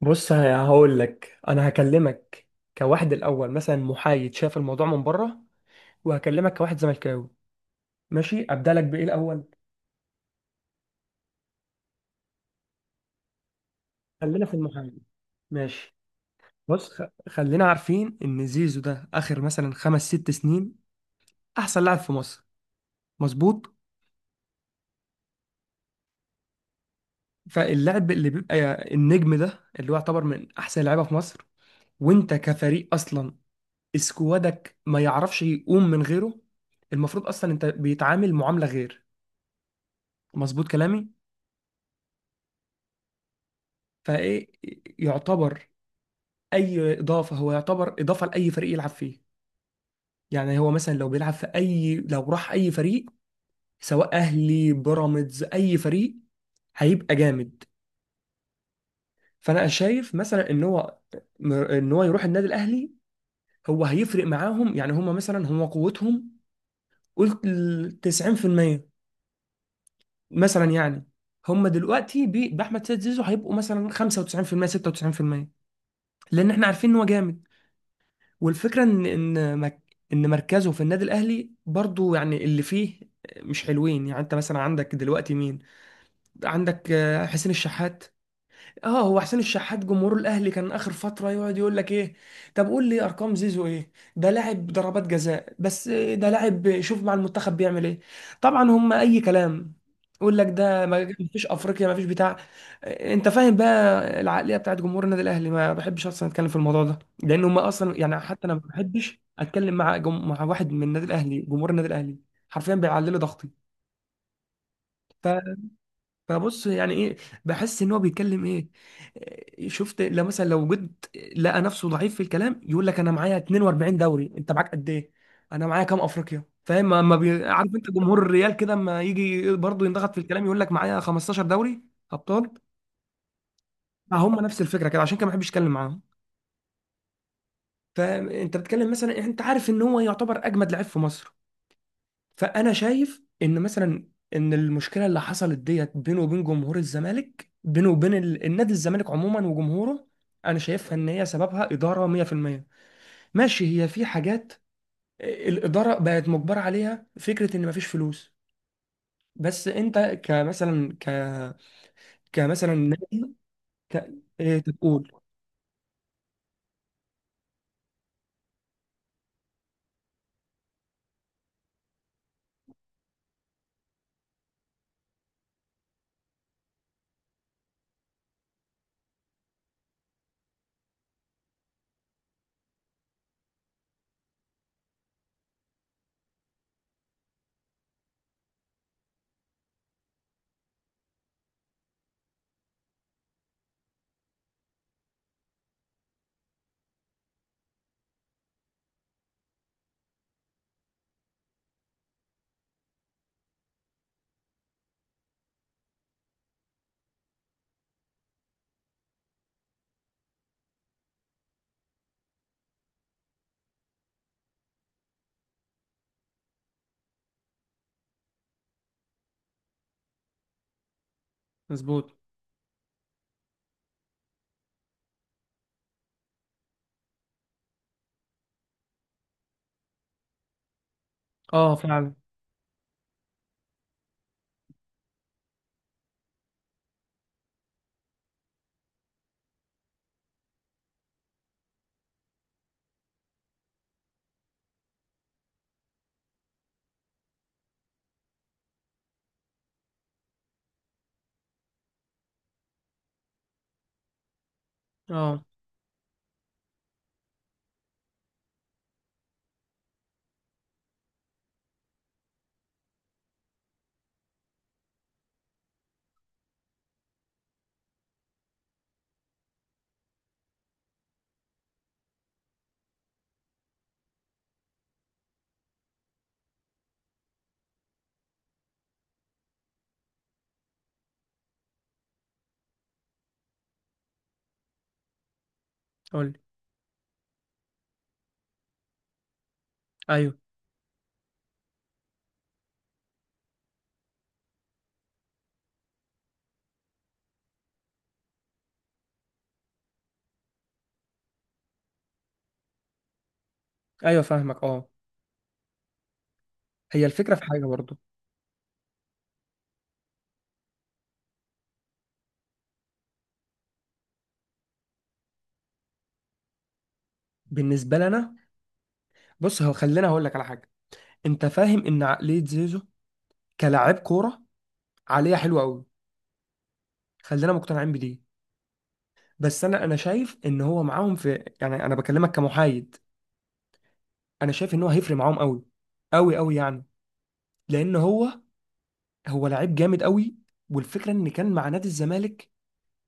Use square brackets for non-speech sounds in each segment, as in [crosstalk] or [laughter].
بص، هقول لك. انا هكلمك كواحد الاول مثلا محايد شاف الموضوع من بره، وهكلمك كواحد زملكاوي. ماشي، ابدا لك بايه الاول. خلينا في المحايد. ماشي. بص خلينا عارفين ان زيزو ده اخر مثلا خمس ست سنين احسن لاعب في مصر. مظبوط. فاللاعب اللي بيبقى النجم ده، اللي هو يعتبر من احسن لعيبه في مصر، وانت كفريق اصلا اسكوادك ما يعرفش يقوم من غيره، المفروض اصلا انت بيتعامل معامله غير. مظبوط كلامي. فايه يعتبر اي اضافه، هو يعتبر اضافه لاي فريق يلعب فيه. يعني هو مثلا لو بيلعب في اي، لو راح اي فريق، سواء اهلي، بيراميدز، اي فريق، هيبقى جامد. فانا شايف مثلا ان هو ان هو يروح النادي الاهلي، هو هيفرق معاهم. يعني هم مثلا، هم قوتهم قلت ال 90% مثلا يعني، هم دلوقتي باحمد سيد زيزو هيبقوا مثلا 95%، 96%، لان احنا عارفين ان هو جامد. والفكرة ان مركزه في النادي الاهلي برضو، يعني اللي فيه مش حلوين. يعني انت مثلا عندك دلوقتي مين؟ عندك آه، حسين الشحات. اه، هو حسين الشحات جمهور الاهلي كان اخر فتره يقعد يقول لك ايه؟ طب قول لي ارقام زيزو ايه؟ ده لاعب ضربات جزاء بس، ده لاعب شوف مع المنتخب بيعمل ايه. طبعا هم اي كلام، يقول لك ده ما فيش افريقيا ما فيش بتاع. انت فاهم بقى العقليه بتاعت جمهور النادي الاهلي؟ ما بحبش اصلا اتكلم في الموضوع ده، لان هم اصلا يعني، حتى انا ما بحبش اتكلم مع مع واحد من النادي الاهلي، جمهور النادي الاهلي حرفيا بيعلي لي ضغطي. فبص يعني ايه، بحس ان هو بيتكلم ايه. إيه، شفت لو مثلا لو جد لقى نفسه ضعيف في الكلام، يقول لك انا معايا 42 دوري، انت معاك قد ايه؟ انا معايا كام افريقيا. فاهم؟ ما ما بي... عارف انت جمهور الريال كده، اما يجي برضه ينضغط في الكلام يقول لك معايا 15 دوري ابطال. فهم نفس الفكره كده، عشان كده ما بحبش اتكلم معاهم. فانت بتتكلم مثلا، انت عارف ان هو يعتبر اجمد لعيب في مصر. فانا شايف ان مثلا ان المشكله اللي حصلت ديت بينه وبين جمهور الزمالك، بينه وبين النادي الزمالك عموما وجمهوره، انا شايفها ان هي سببها اداره 100%. ماشي، هي في حاجات آه، الاداره بقت مجبره عليها، فكره ان مفيش فلوس. بس انت كمثلا ك كمثلا نادي ك... إيه تقول؟ مظبوط. اه فعلا. اه. قول لي. ايوه. ايوه فاهمك اه. هي الفكره في حاجه برضو. بالنسبه لنا، بص هو خلينا هقول لك على حاجه. انت فاهم ان عقليه زيزو كلاعب كوره عقليه حلوه قوي؟ خلينا مقتنعين بدي. بس انا شايف ان هو معاهم في، يعني انا بكلمك كمحايد، انا شايف ان هو هيفرق معاهم قوي قوي قوي يعني. لان هو، هو لعيب جامد قوي. والفكره ان كان مع نادي الزمالك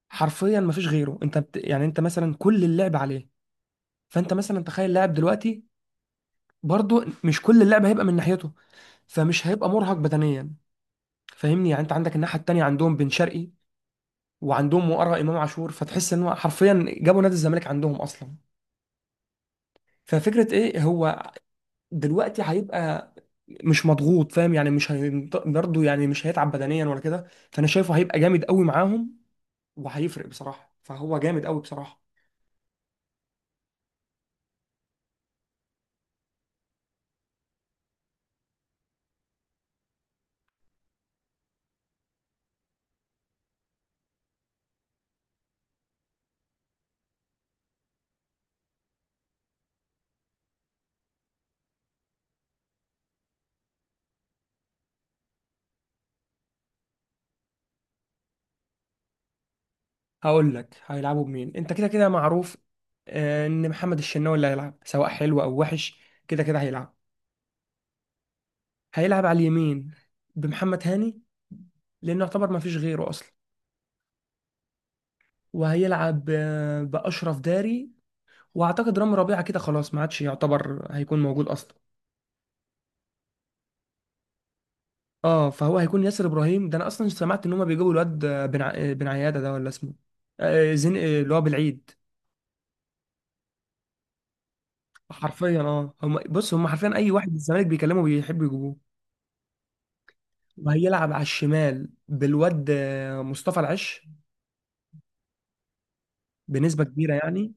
حرفيا ما فيش غيره، انت يعني انت مثلا كل اللعب عليه. فانت مثلا تخيل لاعب دلوقتي برضه مش كل اللعب هيبقى من ناحيته، فمش هيبقى مرهق بدنيا. فاهمني يعني؟ انت عندك الناحيه التانيه عندهم بن شرقي، وعندهم وراء امام عاشور، فتحس ان هو حرفيا جابوا نادي الزمالك عندهم اصلا. ففكره ايه، هو دلوقتي هيبقى مش مضغوط. فاهم يعني؟ مش هي- برضه يعني مش هيتعب بدنيا ولا كده، فانا شايفه هيبقى جامد قوي معاهم وهيفرق بصراحه، فهو جامد قوي بصراحه. هقول لك هيلعبوا بمين. انت كده كده معروف آه، ان محمد الشناوي اللي هيلعب، سواء حلو او وحش كده كده هيلعب. هيلعب على اليمين بمحمد هاني، لانه يعتبر ما فيش غيره اصلا. وهيلعب آه، باشرف داري. واعتقد رامي ربيعه كده خلاص ما عادش يعتبر هيكون موجود اصلا. اه، فهو هيكون ياسر ابراهيم. ده انا اصلا سمعت ان هما بيجيبوا الواد بن عياده، ده ولا اسمه آه، زين آه، اللي هو بالعيد. حرفيا اه، هم بص هم حرفيا اي واحد من الزمالك بيكلمه بيحبوا يجيبوه. وهيلعب على الشمال بالواد آه، مصطفى العش، بنسبه كبيره يعني.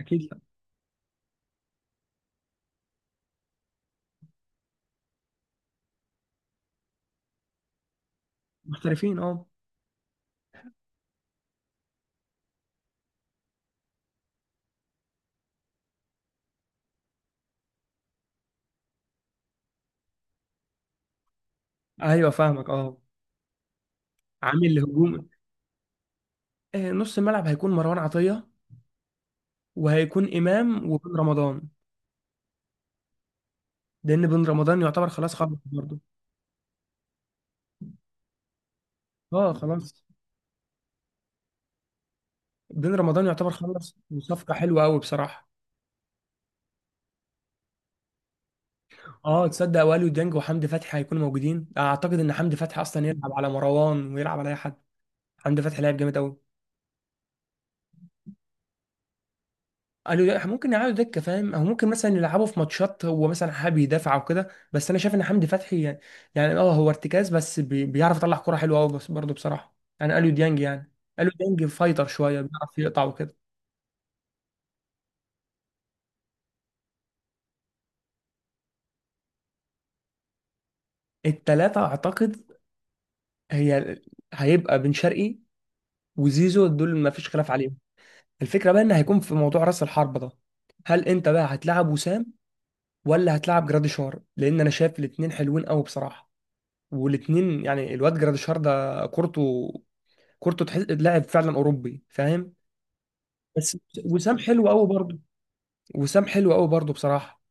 اكيد لا. محترفين اه. ايوه فاهمك اه. عامل هجوم آه، نص الملعب هيكون مروان عطيه، وهيكون امام وبن رمضان، لان بن رمضان يعتبر خلاص خلص برضه. اه خلاص. دين رمضان يعتبر خلص وصفقة حلوة قوي بصراحة. اه تصدق، واليو ديانج وحمدي فتحي هيكونوا موجودين. اعتقد ان حمدي فتحي اصلا يلعب على مروان ويلعب على اي حد. حمدي فتحي لاعب جامد قوي. قالوا لا، ممكن يقعدوا دكة. فاهم؟ او ممكن مثلا يلعبوا في ماتشات هو مثلا حابب يدافع او كده. بس انا شايف ان حمدي فتحي يعني، يعني اه هو ارتكاز بس، بي بيعرف يطلع كرة حلوة قوي. بس برضه بصراحة يعني قالوا ديانج يعني، قالوا ديانج فايتر شوية، بيعرف يقطع وكده. التلاتة اعتقد هي هيبقى بن شرقي وزيزو، دول ما فيش خلاف عليهم. الفكرة بقى ان هيكون في موضوع راس الحربة ده، هل انت بقى هتلعب وسام ولا هتلعب جراديشار؟ لان انا شايف الاتنين حلوين قوي بصراحة. والاتنين يعني، الواد جراديشار ده كورته، كورته تحس لاعب فعلا اوروبي. فاهم؟ بس وسام حلو قوي برضه، وسام حلو قوي برضه بصراحة.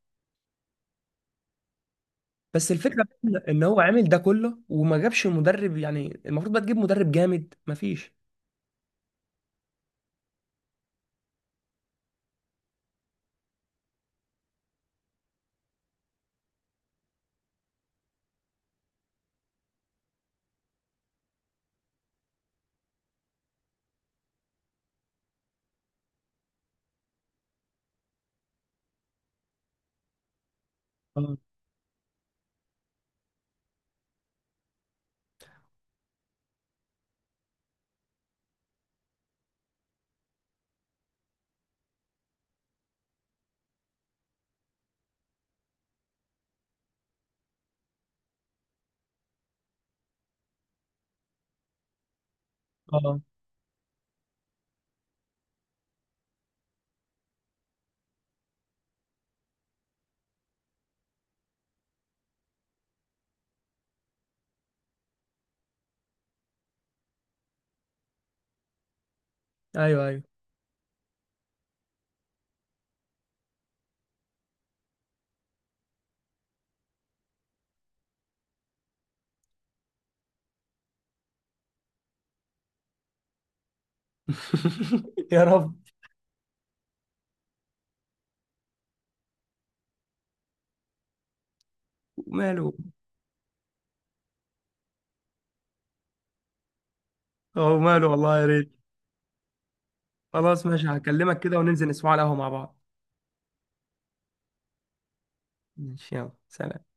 بس الفكرة بقى ان إن هو عامل ده كله وما جابش مدرب. يعني المفروض بقى تجيب مدرب جامد، مفيش. اه. اه. ايوه ايوه. [laughs] يا رب. وماله. اه وماله والله يا ريت. خلاص ماشي، هكلمك كده وننزل نسمع على القهوة مع بعض. ماشي، يلا، سلام.